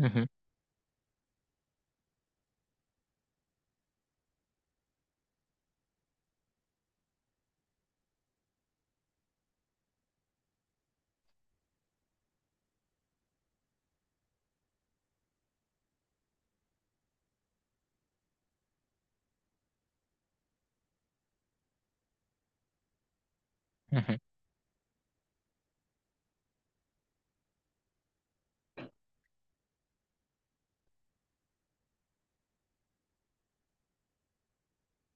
Hı hı, hı hı,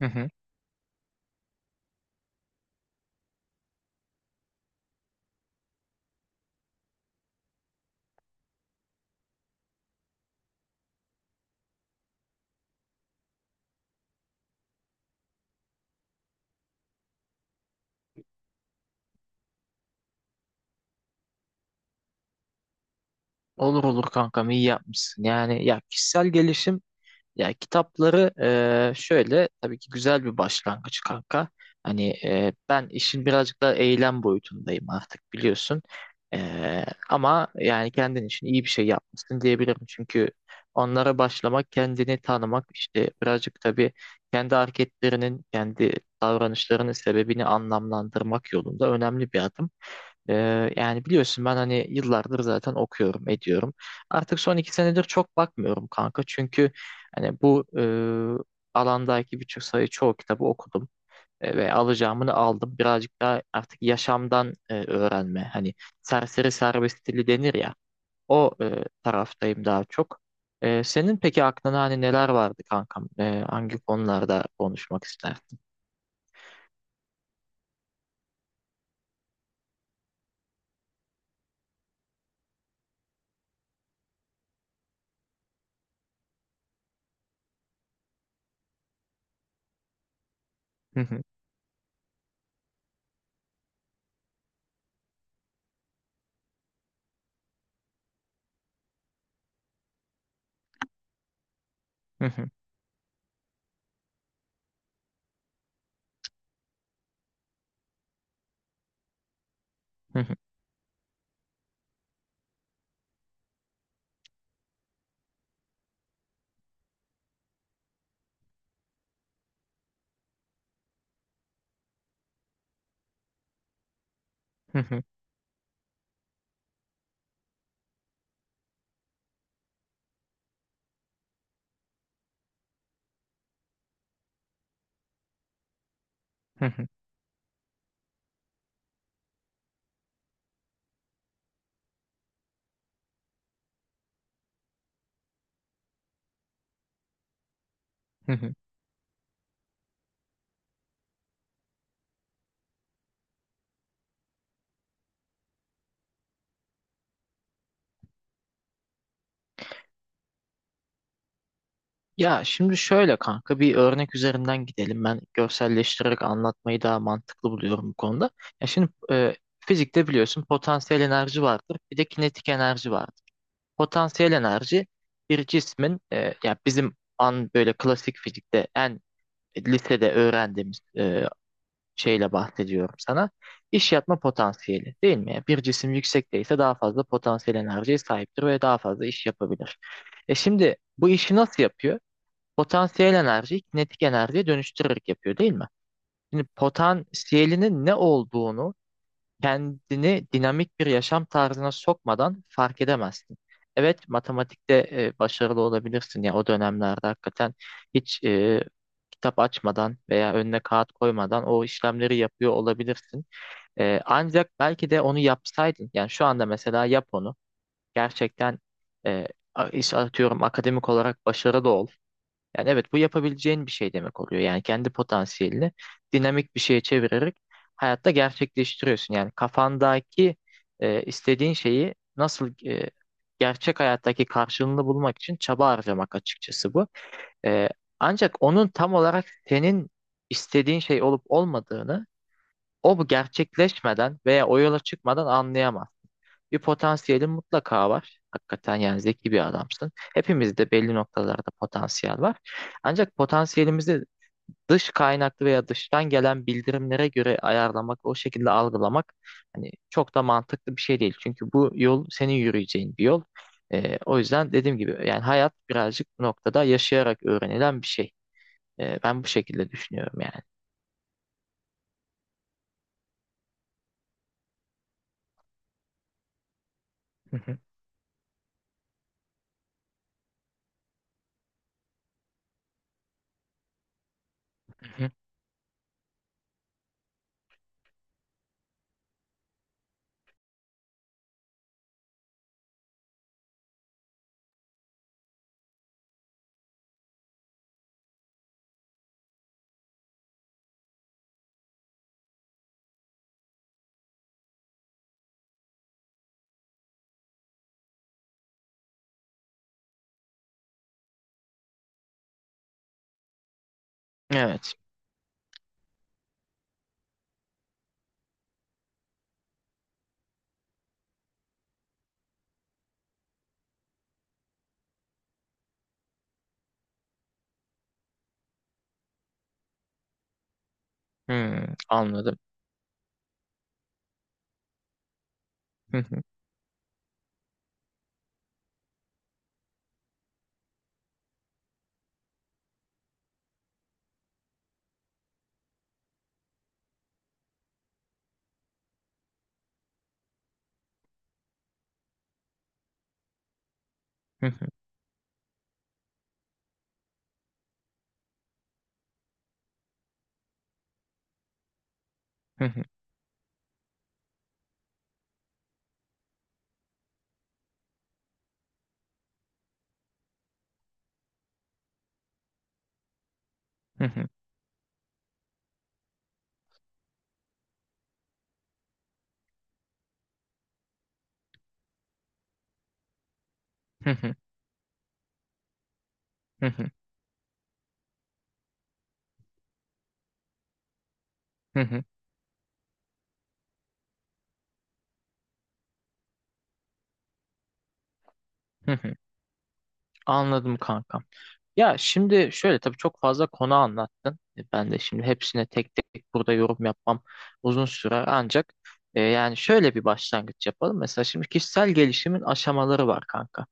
hı hı. Olur olur kankam iyi yapmışsın. Yani ya kişisel gelişim ya kitapları şöyle tabii ki güzel bir başlangıç kanka. Hani ben işin birazcık daha eylem boyutundayım artık biliyorsun. Eee, ama yani kendin için iyi bir şey yapmışsın diyebilirim. Çünkü onlara başlamak, kendini tanımak işte birazcık tabii kendi hareketlerinin, kendi davranışlarının sebebini anlamlandırmak yolunda önemli bir adım. Yani biliyorsun ben hani yıllardır zaten okuyorum, ediyorum. Artık son iki senedir çok bakmıyorum kanka. Çünkü hani bu alandaki birçok sayı çoğu kitabı okudum ve alacağımını aldım. Birazcık daha artık yaşamdan öğrenme. Hani serseri serbest dili denir ya. O taraftayım daha çok. Senin peki aklına hani neler vardı kankam? Hangi konularda konuşmak isterdin? Ya şimdi şöyle kanka bir örnek üzerinden gidelim. Ben görselleştirerek anlatmayı daha mantıklı buluyorum bu konuda. Ya şimdi fizikte biliyorsun potansiyel enerji vardır, bir de kinetik enerji vardır. Potansiyel enerji bir cismin ya bizim an böyle klasik fizikte en lisede öğrendiğimiz şeyle bahsediyorum sana. İş yapma potansiyeli değil mi? Yani bir cisim yüksekteyse daha fazla potansiyel enerjiye sahiptir ve daha fazla iş yapabilir. E şimdi bu işi nasıl yapıyor? Potansiyel enerjiyi kinetik enerjiye dönüştürerek yapıyor değil mi? Şimdi potansiyelinin ne olduğunu kendini dinamik bir yaşam tarzına sokmadan fark edemezsin. Evet, matematikte başarılı olabilirsin ya o dönemlerde hakikaten hiç kitap açmadan veya önüne kağıt koymadan o işlemleri yapıyor olabilirsin. Ancak belki de onu yapsaydın yani şu anda mesela yap onu gerçekten e, iş atıyorum akademik olarak başarılı ol, yani evet, bu yapabileceğin bir şey demek oluyor. Yani kendi potansiyelini dinamik bir şeye çevirerek hayatta gerçekleştiriyorsun. Yani kafandaki istediğin şeyi nasıl gerçek hayattaki karşılığını bulmak için çaba harcamak açıkçası bu. E, ancak onun tam olarak senin istediğin şey olup olmadığını o bu gerçekleşmeden veya o yola çıkmadan anlayamaz. Bir potansiyelin mutlaka var. Hakikaten yani zeki bir adamsın. Hepimizde belli noktalarda potansiyel var. Ancak potansiyelimizi dış kaynaklı veya dıştan gelen bildirimlere göre ayarlamak, o şekilde algılamak hani çok da mantıklı bir şey değil. Çünkü bu yol senin yürüyeceğin bir yol. O yüzden dediğim gibi yani hayat birazcık bu noktada yaşayarak öğrenilen bir şey. Ben bu şekilde düşünüyorum yani. Hı hı, hı hı. Evet. Hmm, anladım. Hı hı, hı hı, hı hı, hı hı, hı hı, hı hı, hı hı, hı hı. Anladım kankam. Ya şimdi şöyle tabii çok fazla konu anlattın. Ben de şimdi hepsine tek tek burada yorum yapmam uzun sürer ancak yani şöyle bir başlangıç yapalım. Mesela şimdi kişisel gelişimin aşamaları var kanka.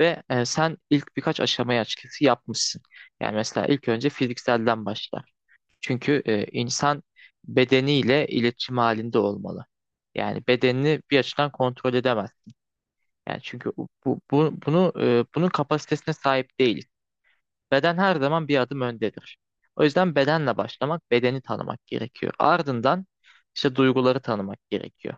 Ve sen ilk birkaç aşamayı açıkçası yapmışsın. Yani mesela ilk önce fizikselden başlar. Çünkü insan bedeniyle iletişim halinde olmalı. Yani bedenini bir açıdan kontrol edemez. Yani çünkü bu bunu bunun kapasitesine sahip değiliz. Beden her zaman bir adım öndedir. O yüzden bedenle başlamak, bedeni tanımak gerekiyor. Ardından işte duyguları tanımak gerekiyor.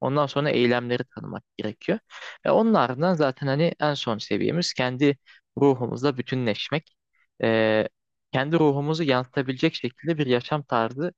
Ondan sonra eylemleri tanımak gerekiyor. Ve onun ardından zaten hani en son seviyemiz kendi ruhumuzla bütünleşmek. Ee, kendi ruhumuzu yansıtabilecek şekilde bir yaşam tarzı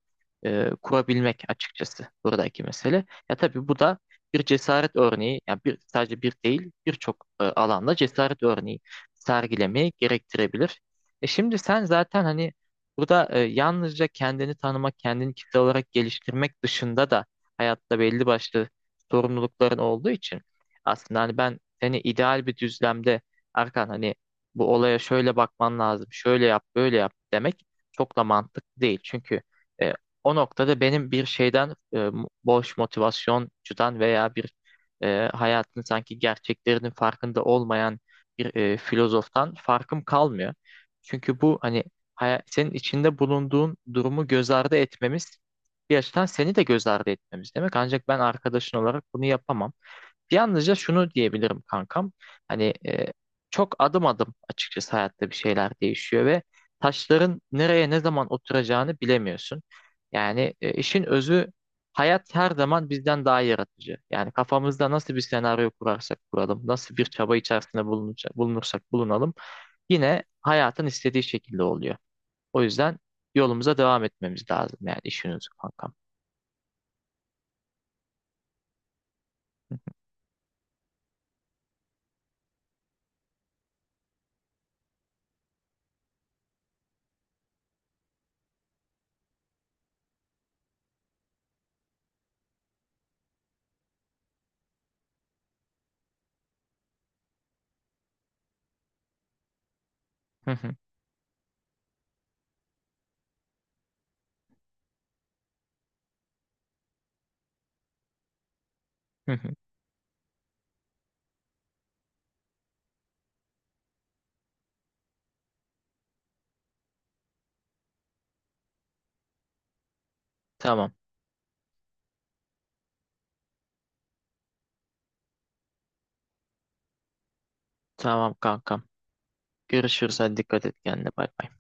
kurabilmek açıkçası buradaki mesele. Ya tabii bu da bir cesaret örneği, yani bir, sadece bir değil, birçok alanda cesaret örneği sergilemeyi gerektirebilir. E şimdi sen zaten hani burada yalnızca kendini tanımak, kendini kitle olarak geliştirmek dışında da hayatta belli başlı sorumlulukların olduğu için aslında hani ben seni ideal bir düzlemde Erkan hani bu olaya şöyle bakman lazım, şöyle yap, böyle yap demek çok da mantıklı değil. Çünkü e, o noktada benim bir şeyden boş motivasyoncudan veya bir hayatın sanki gerçeklerinin farkında olmayan bir filozoftan farkım kalmıyor. Çünkü bu hani senin içinde bulunduğun durumu göz ardı etmemiz bir açıdan seni de göz ardı etmemiz demek. Ancak ben arkadaşın olarak bunu yapamam. Yalnızca şunu diyebilirim kankam. Hani çok adım adım açıkçası hayatta bir şeyler değişiyor ve taşların nereye ne zaman oturacağını bilemiyorsun. Yani işin özü hayat her zaman bizden daha yaratıcı. Yani kafamızda nasıl bir senaryo kurarsak kuralım, nasıl bir çaba içerisinde bulunursak bulunalım yine hayatın istediği şekilde oluyor. O yüzden yolumuza devam etmemiz lazım yani işiniz kankam. Hı hı. Hı hı. Hı hı. Tamam. Tamam kankam. Görüşürüz. Hadi dikkat et kendine. Bay bay.